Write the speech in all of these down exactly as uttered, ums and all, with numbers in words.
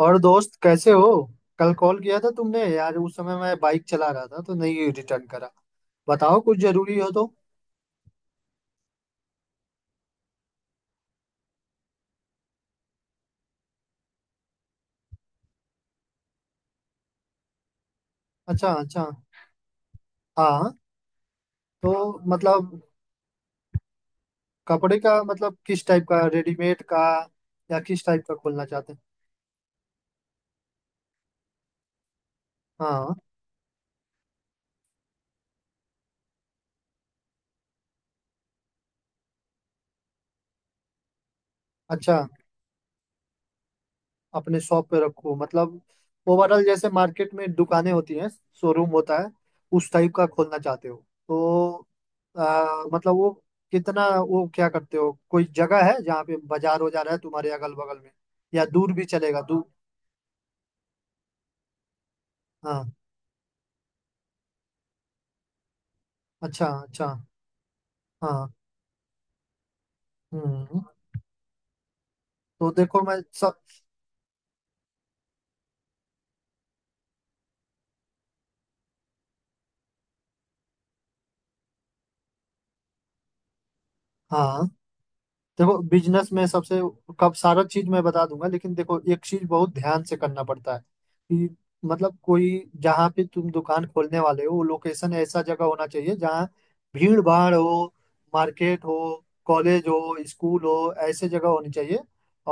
और दोस्त कैसे हो? कल कॉल किया था तुमने यार। उस समय मैं बाइक चला रहा था तो नहीं रिटर्न करा। बताओ कुछ जरूरी हो तो। अच्छा अच्छा। हाँ। तो मतलब कपड़े का मतलब किस टाइप का, रेडीमेड का या किस टाइप का खोलना चाहते हैं? हाँ। अच्छा, अपने शॉप पे रखो मतलब। ओवरऑल जैसे मार्केट में दुकानें होती हैं, शोरूम होता है उस टाइप का खोलना चाहते हो तो। आ, मतलब वो कितना, वो क्या करते हो, कोई जगह है जहाँ पे बाजार हो जा रहा है तुम्हारे अगल बगल में, या दूर भी चलेगा दूर? हाँ अच्छा अच्छा। हाँ। हम्म तो देखो मैं सब। हाँ। देखो बिजनेस में सबसे कब सारा चीज मैं बता दूंगा, लेकिन देखो एक चीज बहुत ध्यान से करना पड़ता है कि मतलब कोई, जहाँ पे तुम दुकान खोलने वाले हो वो लोकेशन ऐसा जगह होना चाहिए जहाँ भीड़ भाड़ हो, मार्केट हो, कॉलेज हो, स्कूल हो, ऐसे जगह होनी चाहिए।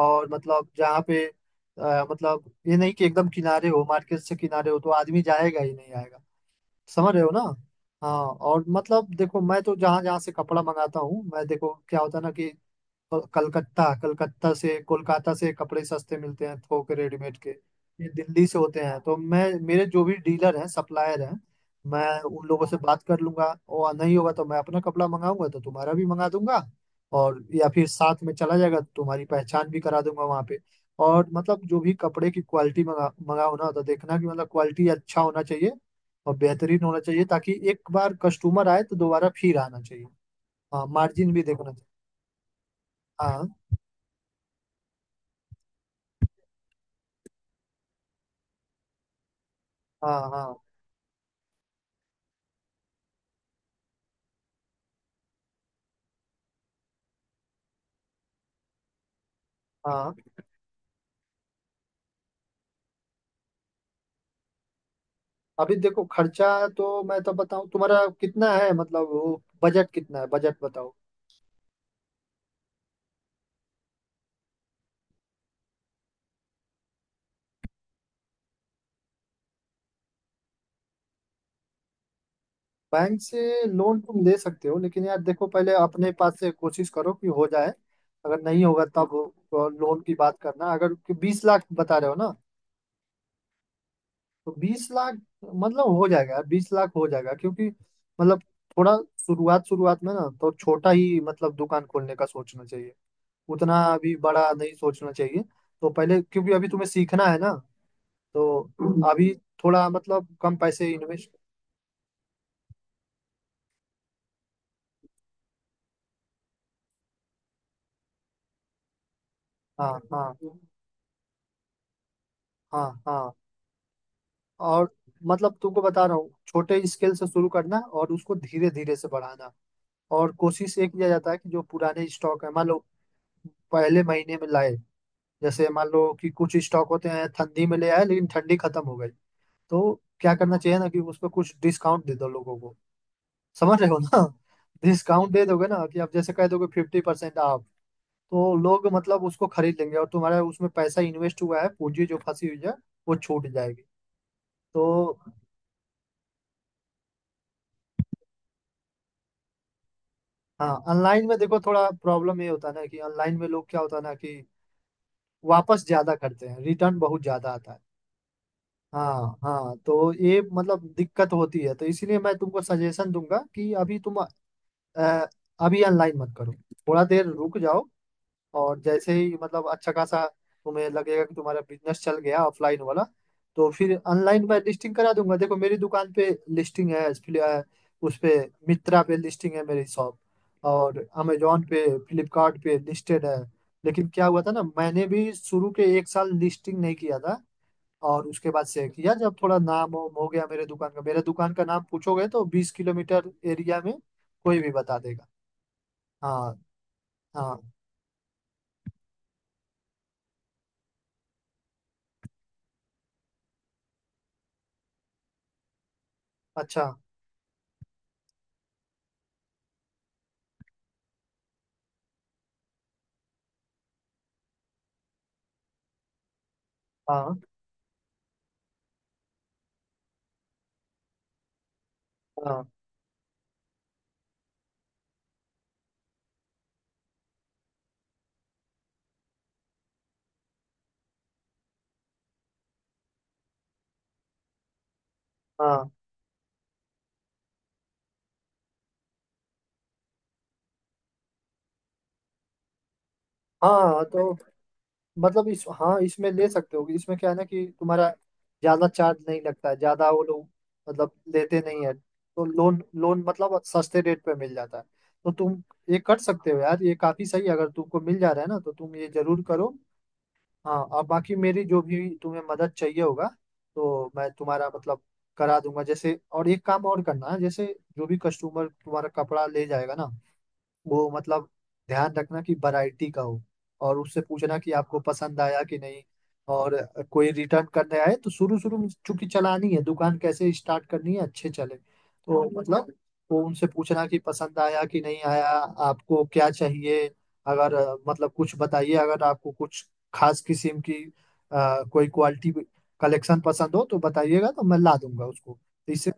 और मतलब जहाँ पे, अ, मतलब ये नहीं कि एकदम किनारे हो, मार्केट से किनारे हो तो आदमी जाएगा ही नहीं, आएगा। समझ रहे हो ना? हाँ। और मतलब देखो, मैं तो जहाँ जहाँ से कपड़ा मंगाता हूँ, मैं देखो क्या होता है ना कि और कलकत्ता कलकत्ता से कोलकाता से कपड़े सस्ते मिलते हैं, थोक रेडीमेड के। ये दिल्ली से होते हैं तो मैं, मेरे जो भी डीलर हैं, सप्लायर हैं, मैं उन लोगों से बात कर लूंगा। और नहीं होगा तो मैं अपना कपड़ा मंगाऊंगा तो तुम्हारा भी मंगा दूंगा। और या फिर साथ में चला जाएगा तो तुम्हारी पहचान भी करा दूंगा वहां पे। और मतलब जो भी कपड़े की क्वालिटी मंगा मंगाओ ना, तो देखना कि मतलब क्वालिटी अच्छा होना चाहिए और बेहतरीन होना चाहिए ताकि एक बार कस्टमर आए तो दोबारा फिर आना चाहिए। हाँ मार्जिन भी देखना चाहिए। हाँ। हाँ हाँ हाँ। अभी देखो खर्चा, तो मैं तो बताऊं तुम्हारा कितना है मतलब वो बजट कितना है, बजट बताओ। बैंक से लोन तुम ले सकते हो, लेकिन यार देखो पहले अपने पास से कोशिश करो कि हो जाए। अगर नहीं होगा तब लोन की बात करना, अगर कि बीस लाख बता रहे हो ना। तो बीस लाख मतलब हो जाएगा यार, बीस लाख हो जाएगा क्योंकि मतलब थोड़ा शुरुआत शुरुआत में ना तो छोटा ही मतलब दुकान खोलने का सोचना चाहिए, उतना अभी बड़ा नहीं सोचना चाहिए। तो पहले, क्योंकि अभी तुम्हें सीखना है ना। तो अभी थोड़ा मतलब कम पैसे इन्वेस्ट। हाँ हाँ हाँ हाँ। और मतलब तुमको बता रहा हूँ छोटे स्केल से शुरू करना और उसको धीरे धीरे से बढ़ाना। और कोशिश ये किया जाता है कि जो पुराने स्टॉक है मान लो, पहले महीने में लाए। जैसे मान लो कि कुछ स्टॉक होते हैं ठंडी में ले आए लेकिन ठंडी खत्म हो गई, तो क्या करना चाहिए ना कि उस पर कुछ डिस्काउंट दे दो लोगों को। समझ रहे हो ना? डिस्काउंट दे दोगे ना कि आप जैसे कह दोगे फिफ्टी परसेंट। आप तो लोग मतलब उसको खरीद लेंगे और तुम्हारा उसमें पैसा इन्वेस्ट हुआ है, पूंजी जो फंसी हुई है वो छूट जाएगी। तो। हाँ, ऑनलाइन में देखो थोड़ा प्रॉब्लम ये होता है ना कि ऑनलाइन में लोग क्या होता है ना कि वापस ज्यादा करते हैं, रिटर्न बहुत ज्यादा आता है। हाँ हाँ तो ये मतलब दिक्कत होती है, तो इसीलिए मैं तुमको सजेशन दूंगा कि अभी तुम अ, अभी ऑनलाइन मत करो, थोड़ा देर रुक जाओ। और जैसे ही मतलब अच्छा खासा तुम्हें लगेगा कि तुम्हारा बिजनेस चल गया ऑफलाइन वाला, तो फिर ऑनलाइन मैं लिस्टिंग करा दूंगा। देखो मेरी दुकान पे लिस्टिंग है। फ्लि- अ, उस पे, मित्रा पे लिस्टिंग है मेरी शॉप, और अमेजोन पे फ्लिपकार्ट पे लिस्टेड है। लेकिन क्या हुआ था ना, मैंने भी शुरू के एक साल लिस्टिंग नहीं किया था। और उसके बाद से किया जब थोड़ा नाम वाम हो गया मेरे दुकान का। मेरे दुकान का नाम पूछोगे तो बीस किलोमीटर एरिया में कोई भी बता देगा। हाँ हाँ अच्छा। हाँ हाँ हाँ हाँ। तो मतलब इस हाँ, इसमें ले सकते हो। इसमें क्या है ना कि तुम्हारा ज्यादा चार्ज नहीं लगता है, ज्यादा वो लोग मतलब लेते नहीं है, तो लोन लोन मतलब सस्ते रेट पे मिल जाता है। तो तुम ये कर सकते हो यार, ये काफी सही है अगर तुमको मिल जा रहा है ना, तो तुम ये जरूर करो। हाँ। और बाकी मेरी जो भी तुम्हें मदद चाहिए होगा, तो मैं तुम्हारा मतलब करा दूंगा। जैसे और एक काम और करना है, जैसे जो भी कस्टमर तुम्हारा कपड़ा ले जाएगा ना, वो मतलब, ध्यान रखना कि वैरायटी का हो, और उससे पूछना कि आपको पसंद आया कि नहीं। और कोई रिटर्न करने आए तो शुरू शुरू में चूंकि चलानी है दुकान, कैसे स्टार्ट करनी है, अच्छे चले तो मतलब वो उनसे पूछना कि पसंद आया कि नहीं आया, आपको क्या चाहिए। अगर अ, मतलब कुछ बताइए, अगर आपको कुछ खास किस्म की अ, कोई क्वालिटी कलेक्शन पसंद हो तो बताइएगा तो मैं ला दूंगा उसको। तो इससे।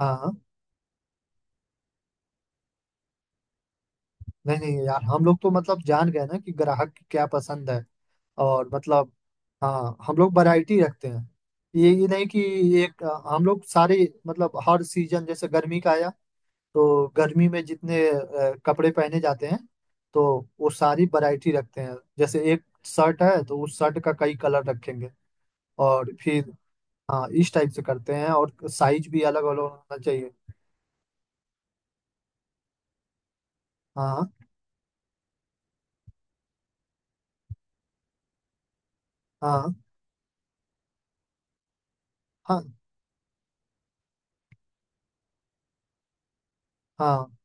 हाँ हाँ। नहीं नहीं यार, हम लोग तो मतलब जान गए ना कि ग्राहक की क्या पसंद है। और मतलब हाँ, हम लोग वैरायटी रखते हैं। ये ये नहीं कि एक हम लोग सारे, मतलब हर सीजन जैसे गर्मी का आया तो गर्मी में जितने अ, कपड़े पहने जाते हैं तो वो सारी वैरायटी रखते हैं। जैसे एक शर्ट है तो उस शर्ट का कई कलर रखेंगे। और फिर हाँ इस टाइप से करते हैं और साइज भी अलग अलग होना चाहिए। हाँ हाँ हाँ हाँ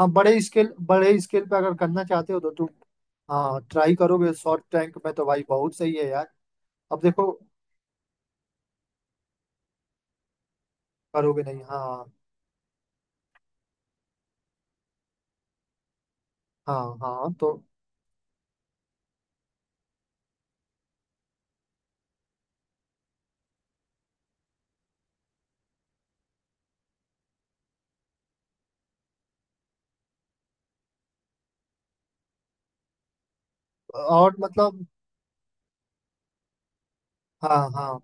हाँ बड़े स्केल, बड़े स्केल पे अगर करना चाहते हो तो तुम। हाँ ट्राई करोगे शॉर्ट टैंक में तो भाई बहुत सही है यार। अब देखो, करोगे नहीं। हाँ हाँ हाँ। तो। और मतलब हाँ हाँ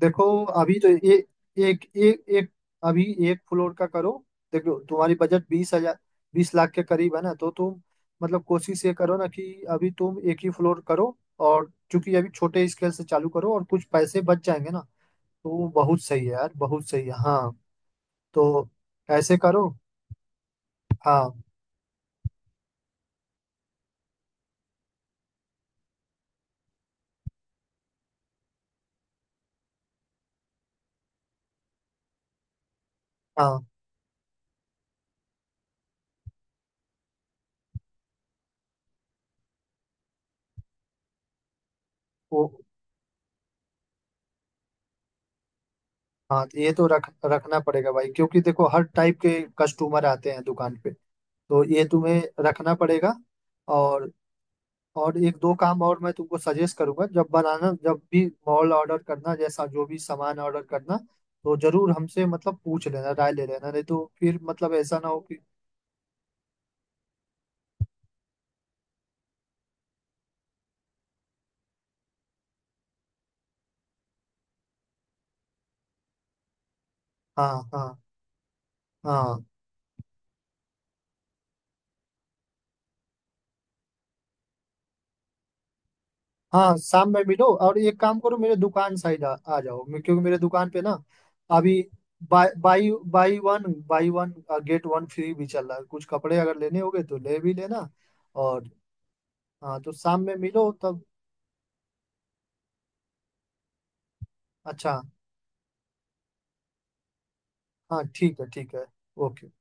देखो, अभी तो ये एक एक एक अभी एक फ्लोर का करो। देखो तुम्हारी बजट बीस हजार बीस लाख के करीब है ना, तो तुम मतलब कोशिश ये करो ना कि अभी तुम एक ही फ्लोर करो। और चूंकि अभी छोटे स्केल से चालू करो और कुछ पैसे बच जाएंगे ना, तो वो बहुत सही है यार, बहुत सही है। हाँ। तो ऐसे करो। हाँ हाँ वो हाँ। तो ये तो रख रखना पड़ेगा भाई, क्योंकि देखो हर टाइप के कस्टमर आते हैं दुकान पे, तो ये तुम्हें रखना पड़ेगा, और और एक दो काम और मैं तुमको सजेस्ट करूंगा, जब बनाना जब भी मॉल ऑर्डर करना, जैसा जो भी सामान ऑर्डर करना तो जरूर हमसे मतलब पूछ लेना, राय ले लेना, नहीं तो फिर मतलब ऐसा ना हो कि। हाँ हाँ हाँ। हाँ शाम में मिलो और एक काम करो, मेरे दुकान साइड आ, आ जाओ। मैं- क्योंकि मेरे दुकान पे ना, अभी buy buy buy one buy one get one free भी चल रहा है, कुछ कपड़े अगर लेने होंगे तो ले भी लेना। और हाँ तो शाम में मिलो तब। अच्छा। हाँ ठीक है ठीक है। ओके।